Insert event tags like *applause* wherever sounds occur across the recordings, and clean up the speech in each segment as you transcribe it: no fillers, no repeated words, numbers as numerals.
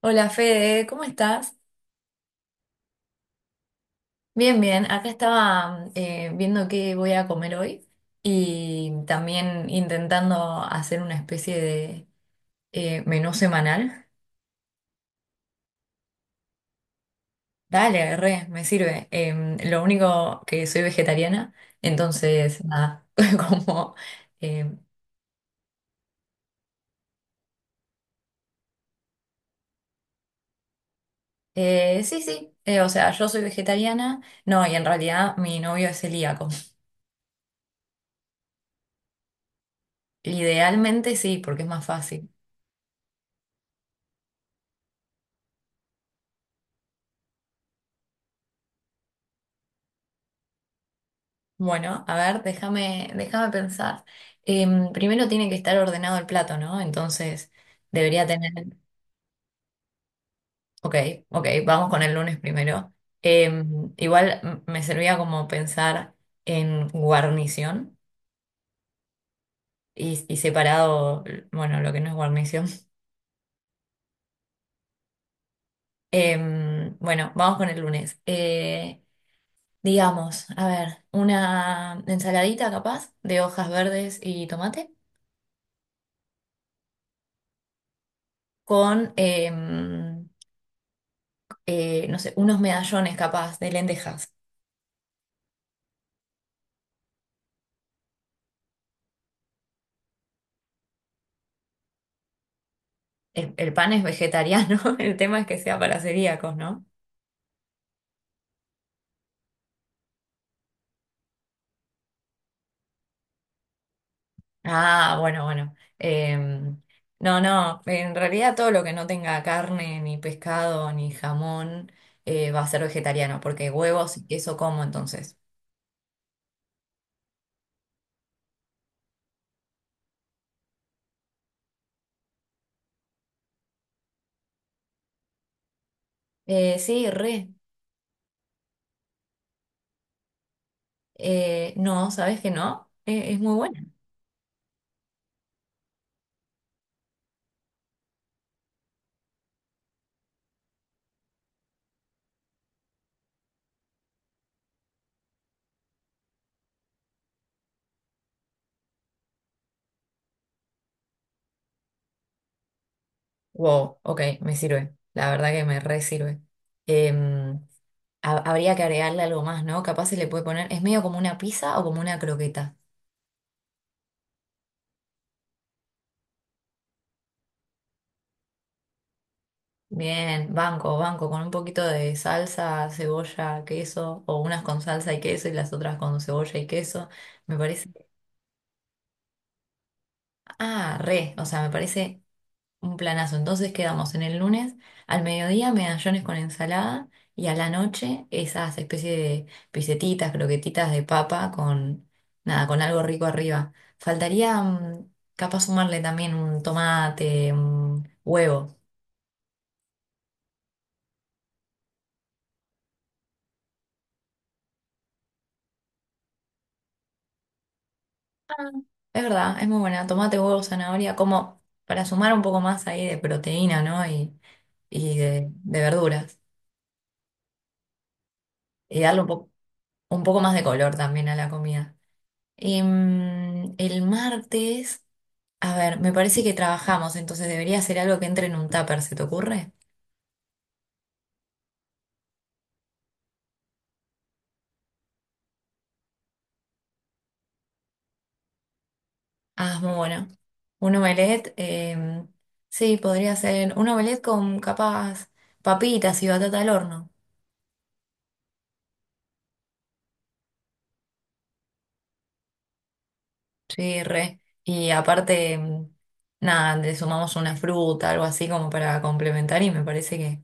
Hola Fede, ¿cómo estás? Bien, bien. Acá estaba viendo qué voy a comer hoy y también intentando hacer una especie de menú semanal. Dale, re, me sirve. Lo único que soy vegetariana, entonces nada, *laughs* como... em, sí, sí, o sea, yo soy vegetariana, no, y en realidad mi novio es celíaco. Idealmente sí, porque es más fácil. Bueno, a ver, déjame pensar. Primero tiene que estar ordenado el plato, ¿no? Entonces debería tener. Ok, ok, vamos con el lunes primero. Igual me servía como pensar en guarnición y separado, bueno, lo que no es guarnición. *laughs* Bueno, vamos con el lunes. Digamos, a ver, una ensaladita capaz de hojas verdes y tomate con. No sé, unos medallones capaz de lentejas. El pan es vegetariano, *laughs* el tema es que sea para celíacos, ¿no? Ah, bueno, bueno. No, no, en realidad todo lo que no tenga carne, ni pescado, ni jamón, va a ser vegetariano, porque huevos y queso como entonces. Sí, re. No, ¿sabes que no? Es muy buena. Wow, ok, me sirve. La verdad que me re sirve. Em, habría que agregarle algo más, ¿no? Capaz se le puede poner, es medio como una pizza o como una croqueta. Bien, banco, banco, con un poquito de salsa, cebolla, queso, o unas con salsa y queso y las otras con cebolla y queso. Me parece, ah, re, o sea, me parece un planazo. Entonces quedamos en el lunes al mediodía medallones con ensalada y a la noche esas especies de pisetitas, croquetitas de papa con nada, con algo rico arriba. Faltaría mm, capaz sumarle también un tomate, un huevo. Ah, es verdad, es muy buena. Tomate, huevo, zanahoria, como para sumar un poco más ahí de proteína, ¿no? Y de verduras. Y darle un poco más de color también a la comida. El martes. A ver, me parece que trabajamos, entonces debería ser algo que entre en un tupper, ¿se te ocurre? Ah, es muy bueno. Un omelette, sí, podría ser un omelette con capaz papitas y batata al horno. Sí, re. Y aparte, nada, le sumamos una fruta, algo así como para complementar y me parece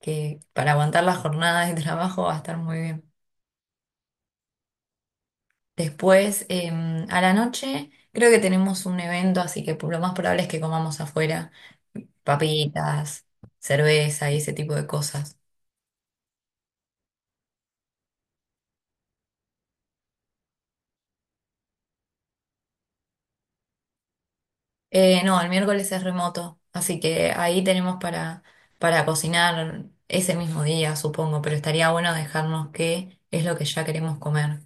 que para aguantar la jornada de *laughs* trabajo va a estar muy bien. Después, a la noche, creo que tenemos un evento, así que lo más probable es que comamos afuera. Papitas, cerveza y ese tipo de cosas. No, el miércoles es remoto, así que ahí tenemos para cocinar ese mismo día, supongo, pero estaría bueno dejarnos qué es lo que ya queremos comer.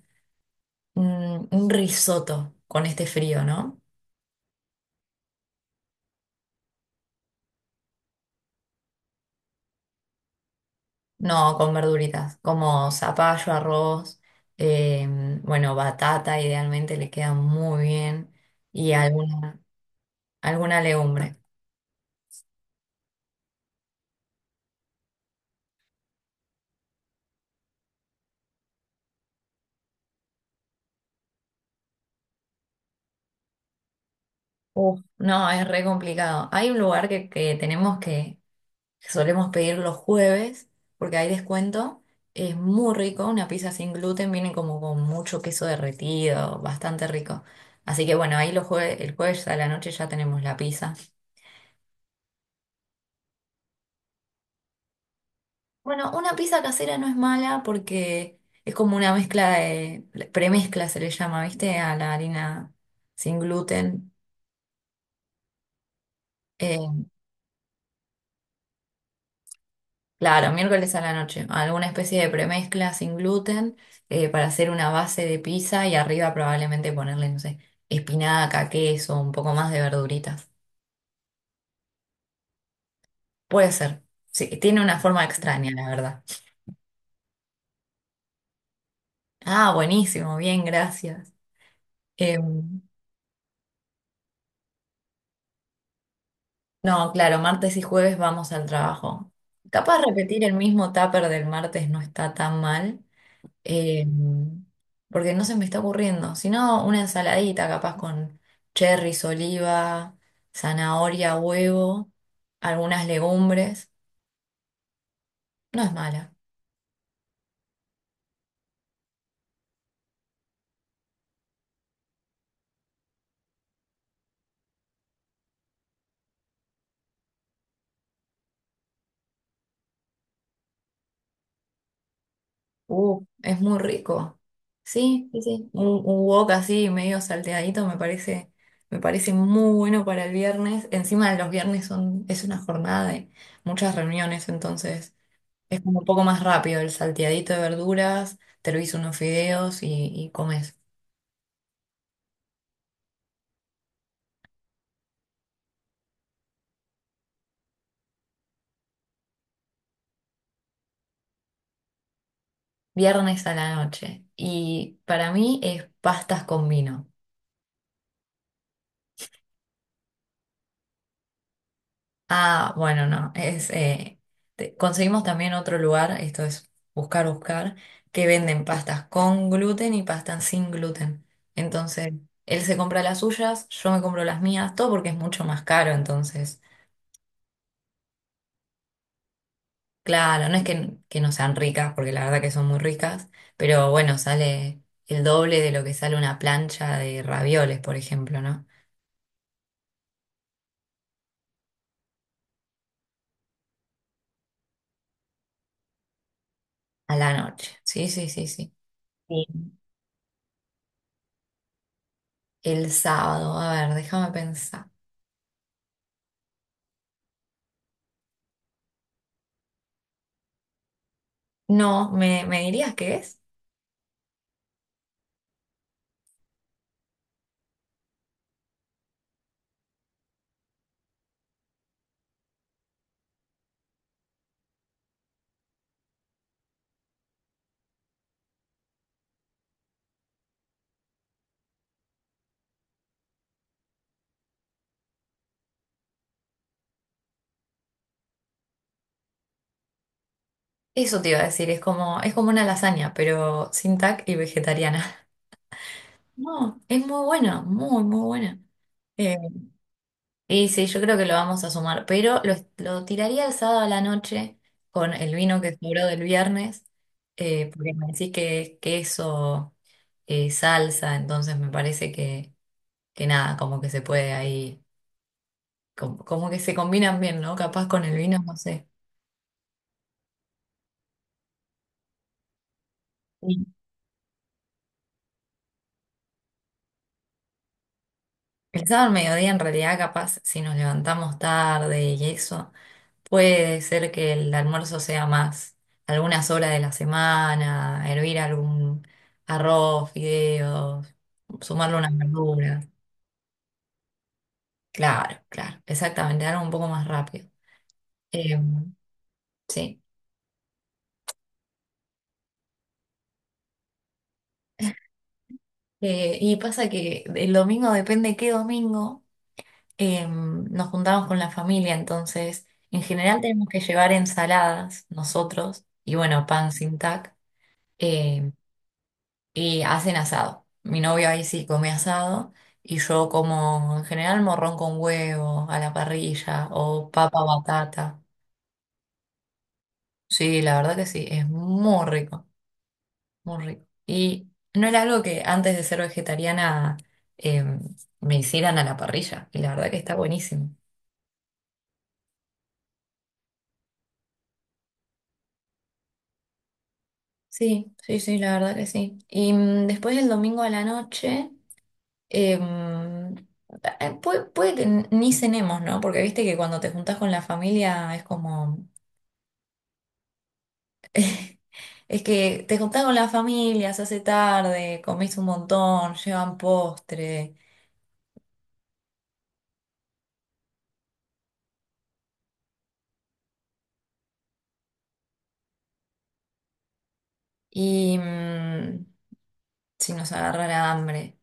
Mm, un risotto con este frío, ¿no? No, con verduritas, como zapallo, arroz, eh, bueno, batata, idealmente le queda muy bien, y alguna, alguna legumbre. Uf, no, es re complicado. Hay un lugar que tenemos que solemos pedir los jueves porque hay descuento. Es muy rico, una pizza sin gluten viene como con mucho queso derretido, bastante rico. Así que bueno, ahí los el jueves a la noche ya tenemos la pizza. Bueno, una pizza casera no es mala porque es como una mezcla de, premezcla se le llama, ¿viste? A la harina sin gluten. eh, Claro, miércoles a la noche. Alguna especie de premezcla sin gluten para hacer una base de pizza y arriba probablemente ponerle, no sé, espinaca, queso, un poco más de verduritas. Puede ser. Sí, tiene una forma extraña, la verdad. Ah, buenísimo, bien, gracias. Em, no, claro, martes y jueves vamos al trabajo. Capaz repetir el mismo tupper del martes no está tan mal. eh, Porque no se me está ocurriendo, sino una ensaladita capaz con cherries, oliva, zanahoria, huevo, algunas legumbres, no es mala. Es muy rico. Sí, sí, sí. Un wok así medio salteadito me parece muy bueno para el viernes. Encima los viernes son, es una jornada de muchas reuniones, entonces es como un poco más rápido el salteadito de verduras, te lo hizo unos fideos y comes. Viernes a la noche. Y para mí es pastas con vino. Ah, bueno, no. Es, conseguimos también otro lugar, esto es buscar, buscar, que venden pastas con gluten y pastas sin gluten. Entonces, él se compra las suyas, yo me compro las mías, todo porque es mucho más caro. Entonces, claro, no es que no sean ricas, porque la verdad que son muy ricas, pero bueno, sale el doble de lo que sale una plancha de ravioles, por ejemplo, ¿no? A la noche. Sí, sí, sí, sí. Sí. El sábado, a ver, déjame pensar. No, ¿me, me dirías qué es? Eso te iba a decir, es como una lasaña, pero sin tac y vegetariana. *laughs* No, es muy buena, muy, muy buena. Eh, y sí, yo creo que lo vamos a sumar, pero lo tiraría el sábado a la noche con el vino que sobró del viernes, porque me decís que es queso, salsa, entonces me parece que nada, como que se puede ahí, como, como que se combinan bien, ¿no? Capaz con el vino, no sé. Sí. El sábado al mediodía, en realidad, capaz, si nos levantamos tarde y eso, puede ser que el almuerzo sea más algunas horas de la semana, hervir algún arroz, fideos, sumarle unas verduras. Claro, claro, exactamente, algo un poco más rápido. Eh, sí. Y pasa que el domingo, depende qué domingo, nos juntamos con la familia, entonces, en general tenemos que llevar ensaladas nosotros, y bueno, pan sin tac. eh, y hacen asado. Mi novio ahí sí come asado y yo como en general morrón con huevo a la parrilla o papa batata. Sí, la verdad que sí, es muy rico, muy rico. Y no era algo que antes de ser vegetariana eh, me hicieran a la parrilla y la verdad que está buenísimo. Sí, sí, sí, la verdad que sí. Y mm, después el domingo a la noche... Em, puede, ni cenemos, ¿no? Porque viste que cuando te juntás con la familia es como... *laughs* Es que te juntás con la familia, se hace tarde, comés un montón, llevan postre y mm, si nos agarrara hambre.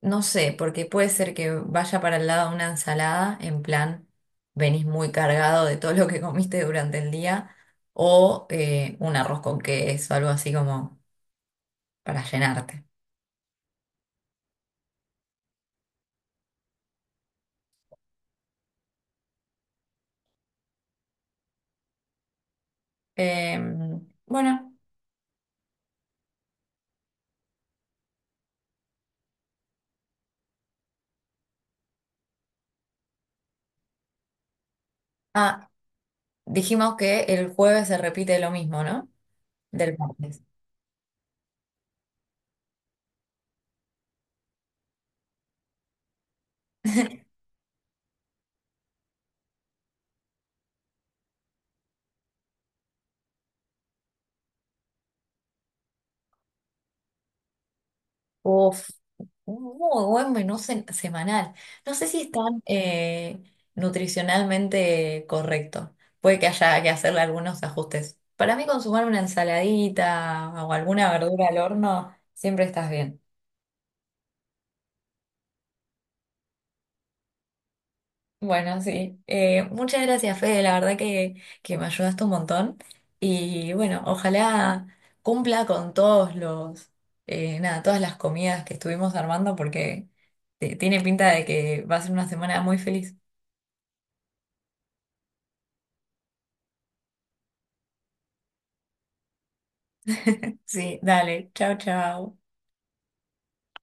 No sé, porque puede ser que vaya para el lado una ensalada, en plan, venís muy cargado de todo lo que comiste durante el día, o un arroz con queso, algo así como para llenarte. Bueno, ah, dijimos que el jueves se repite lo mismo, ¿no? Del martes. *laughs* Uf, un muy buen menú semanal. No sé si es tan nutricionalmente correcto. Puede que haya que hacerle algunos ajustes. Para mí, consumar una ensaladita o alguna verdura al horno, siempre estás bien. Bueno, sí. Muchas gracias, Fede. La verdad que me ayudaste un montón. Y bueno, ojalá cumpla con todos los, nada, todas las comidas que estuvimos armando porque tiene pinta de que va a ser una semana muy feliz. Sí, dale. Chao, chao.